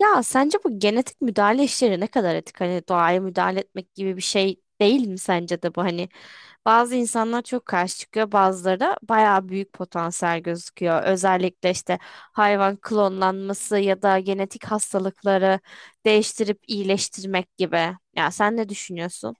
Ya sence bu genetik müdahale işleri ne kadar etik? Hani doğaya müdahale etmek gibi bir şey değil mi sence de bu? Hani bazı insanlar çok karşı çıkıyor, bazıları da bayağı büyük potansiyel gözüküyor. Özellikle işte hayvan klonlanması ya da genetik hastalıkları değiştirip iyileştirmek gibi. Ya sen ne düşünüyorsun?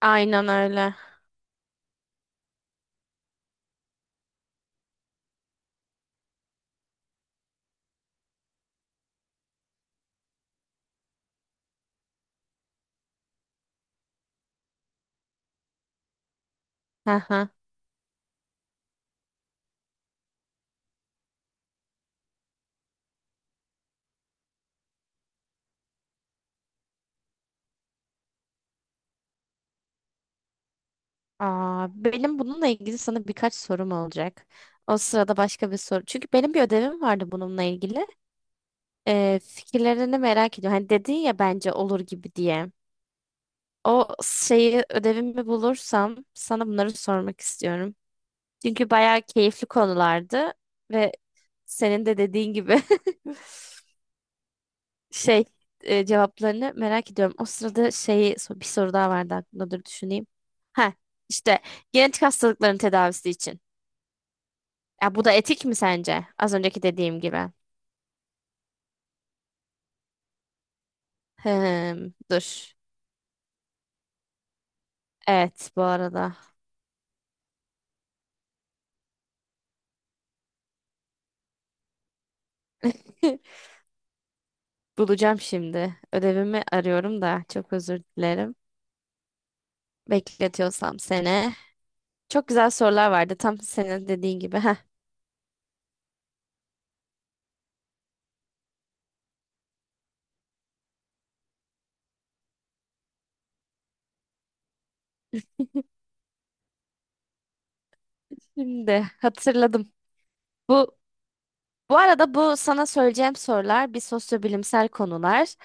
Aynen öyle. Hı hı. Aa, benim bununla ilgili sana birkaç sorum olacak. O sırada başka bir soru. Çünkü benim bir ödevim vardı bununla ilgili. Fikirlerini merak ediyorum. Hani dedin ya bence olur gibi diye. O şeyi ödevimi bulursam sana bunları sormak istiyorum. Çünkü bayağı keyifli konulardı ve senin de dediğin gibi şey cevaplarını merak ediyorum. O sırada bir soru daha vardı aklımda, dur düşüneyim. Ha, işte genetik hastalıkların tedavisi için. Ya bu da etik mi sence? Az önceki dediğim gibi. Hmm, dur. Evet, bu arada. Bulacağım şimdi. Ödevimi arıyorum da çok özür dilerim. Bekletiyorsam sene. Çok güzel sorular vardı tam senin dediğin gibi. Heh, şimdi hatırladım. Bu bu arada bu sana söyleyeceğim sorular bir sosyobilimsel konular.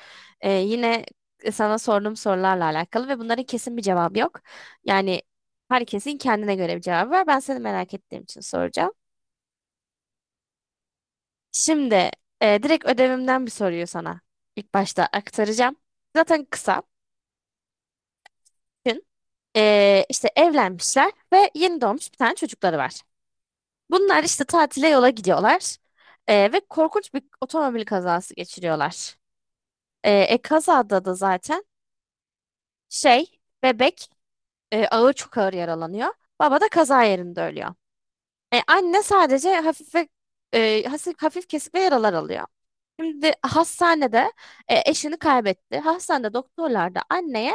Yine sana sorduğum sorularla alakalı ve bunların kesin bir cevabı yok. Yani herkesin kendine göre bir cevabı var. Ben seni merak ettiğim için soracağım. Şimdi direkt ödevimden bir soruyu sana ilk başta aktaracağım. Zaten kısa. İşte evlenmişler ve yeni doğmuş bir tane çocukları var. Bunlar işte tatile yola gidiyorlar. Ve korkunç bir otomobil kazası geçiriyorlar. Kazada da zaten bebek ağır, çok ağır yaralanıyor. Baba da kaza yerinde ölüyor. E, anne sadece hafif ve hafif kesik ve yaralar alıyor. Şimdi hastanede eşini kaybetti. Hastanede doktorlar da anneye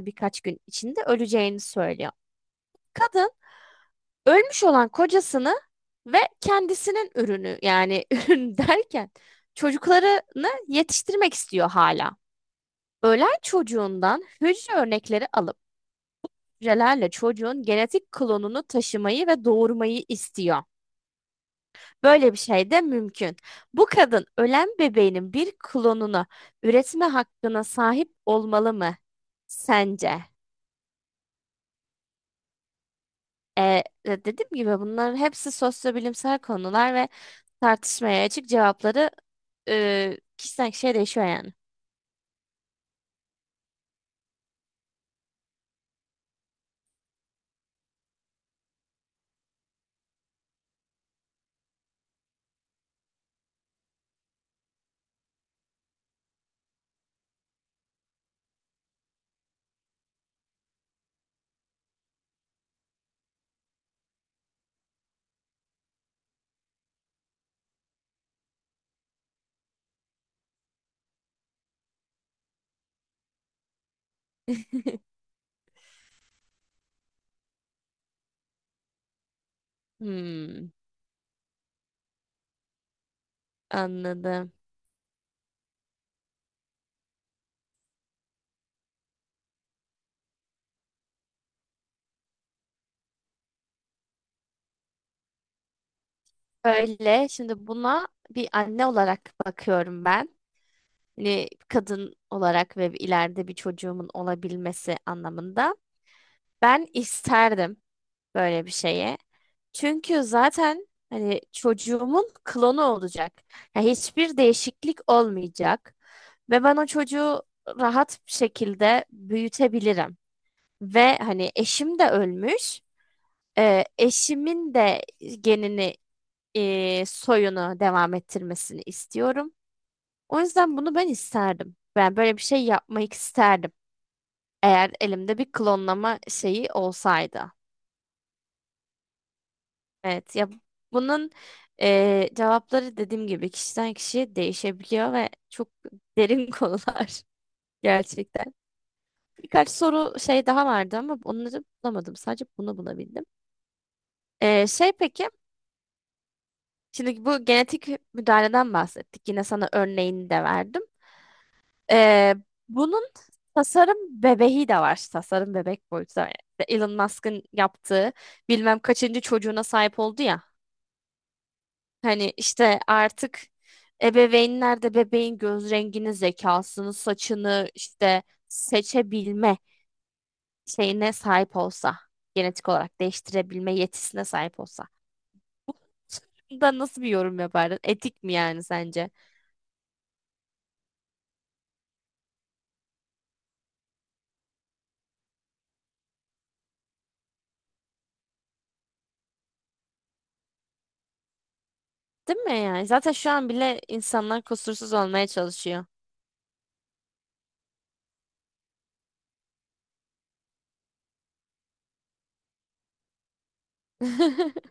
birkaç gün içinde öleceğini söylüyor. Kadın ölmüş olan kocasını ve kendisinin ürünü, yani ürün derken çocuklarını yetiştirmek istiyor hala. Ölen çocuğundan hücre örnekleri alıp hücrelerle çocuğun genetik klonunu taşımayı ve doğurmayı istiyor. Böyle bir şey de mümkün. Bu kadın ölen bebeğinin bir klonunu üretme hakkına sahip olmalı mı sence? Dediğim gibi bunların hepsi sosyobilimsel konular ve tartışmaya açık cevapları kişiden kişiye değişiyor yani. Hmm, anladım. Öyle, şimdi buna bir anne olarak bakıyorum ben. Hani kadın olarak ve ileride bir çocuğumun olabilmesi anlamında. Ben isterdim böyle bir şeye. Çünkü zaten hani çocuğumun klonu olacak. Ya hiçbir değişiklik olmayacak ve ben o çocuğu rahat bir şekilde büyütebilirim. Ve hani eşim de ölmüş. Eşimin de genini soyunu devam ettirmesini istiyorum. O yüzden bunu ben isterdim. Ben böyle bir şey yapmak isterdim. Eğer elimde bir klonlama şeyi olsaydı. Evet ya, bunun cevapları dediğim gibi kişiden kişiye değişebiliyor ve çok derin konular gerçekten. Birkaç soru daha vardı ama onları bulamadım. Sadece bunu bulabildim. Peki şimdi bu genetik müdahaleden bahsettik. Yine sana örneğini de verdim. Eee, Bunun tasarım bebeği de var. Tasarım bebek boyutu da var. İşte Elon Musk'ın yaptığı bilmem kaçıncı çocuğuna sahip oldu ya. Hani işte artık ebeveynler de bebeğin göz rengini, zekasını, saçını işte seçebilme şeyine sahip olsa, genetik olarak değiştirebilme yetisine sahip olsa. Da nasıl bir yorum yapardın? Etik mi yani sence? Değil mi yani? Zaten şu an bile insanlar kusursuz olmaya çalışıyor.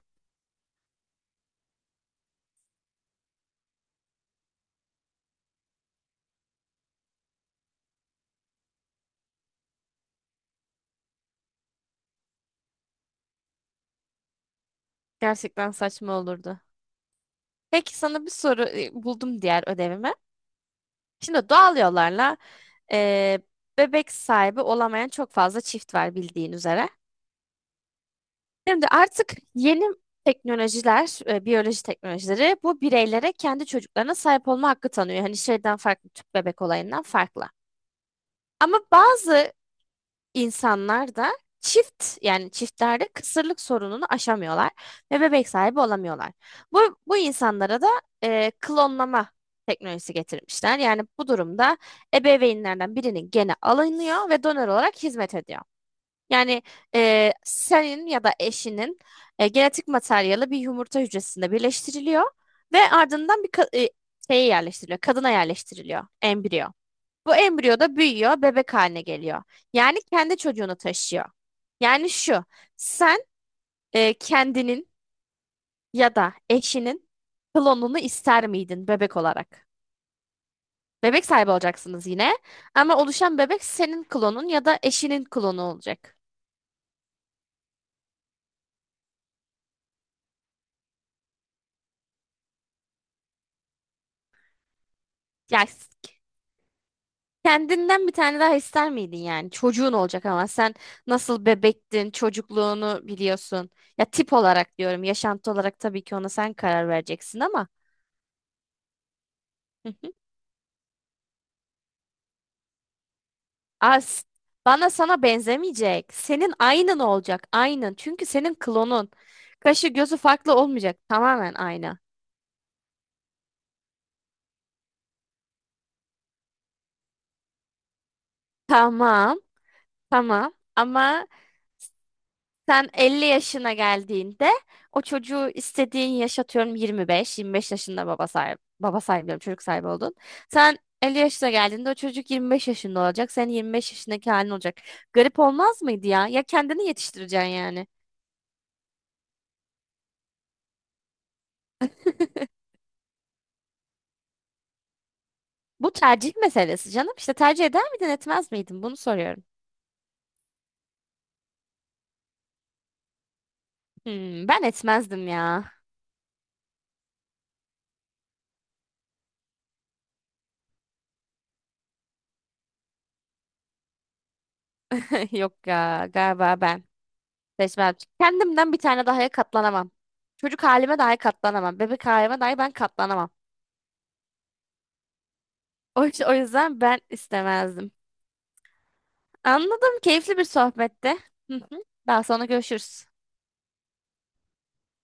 Gerçekten saçma olurdu. Peki sana bir soru buldum diğer ödevime. Şimdi doğal yollarla eee, bebek sahibi olamayan çok fazla çift var bildiğin üzere. Şimdi artık yeni teknolojiler, biyoloji teknolojileri bu bireylere kendi çocuklarına sahip olma hakkı tanıyor. Hani şeyden farklı, tüp bebek olayından farklı. Ama bazı insanlar da çiftlerde kısırlık sorununu aşamıyorlar ve bebek sahibi olamıyorlar. Bu insanlara da klonlama teknolojisi getirmişler. Yani bu durumda ebeveynlerden birinin geni alınıyor ve donör olarak hizmet ediyor. Yani senin ya da eşinin genetik materyali bir yumurta hücresinde birleştiriliyor ve ardından bir ka- e, şeye yerleştiriliyor, kadına yerleştiriliyor, embriyo. Bu embriyo da büyüyor, bebek haline geliyor. Yani kendi çocuğunu taşıyor. Yani şu, sen kendinin ya da eşinin klonunu ister miydin bebek olarak? Bebek sahibi olacaksınız yine ama oluşan bebek senin klonun ya da eşinin klonu olacak. Yani s- Kendinden bir tane daha ister miydin yani? Çocuğun olacak ama sen nasıl bebektin, çocukluğunu biliyorsun. Ya tip olarak diyorum, yaşantı olarak tabii ki ona sen karar vereceksin ama. Hı. As Bana, sana benzemeyecek. Senin aynın olacak. Aynın. Çünkü senin klonun. Kaşı gözü farklı olmayacak. Tamamen aynı. Tamam. Tamam. Ama sen 50 yaşına geldiğinde o çocuğu istediğin yaşatıyorum, yirmi beş yaşında baba sahibi. Baba sahibi diyorum, çocuk sahibi oldun. Sen 50 yaşına geldiğinde o çocuk 25 yaşında olacak. Senin 25 yaşındaki halin olacak. Garip olmaz mıydı ya? Ya kendini yetiştireceksin yani. Bu tercih meselesi canım. İşte tercih eder miydin, etmez miydin? Bunu soruyorum. Hmm, ben etmezdim ya. Yok ya, galiba ben seçmem. Kendimden bir tane daha katlanamam. Çocuk halime dahi katlanamam. Bebek halime dahi ben katlanamam. O yüzden ben istemezdim. Anladım. Keyifli bir sohbetti. Hı hı. Daha sonra görüşürüz.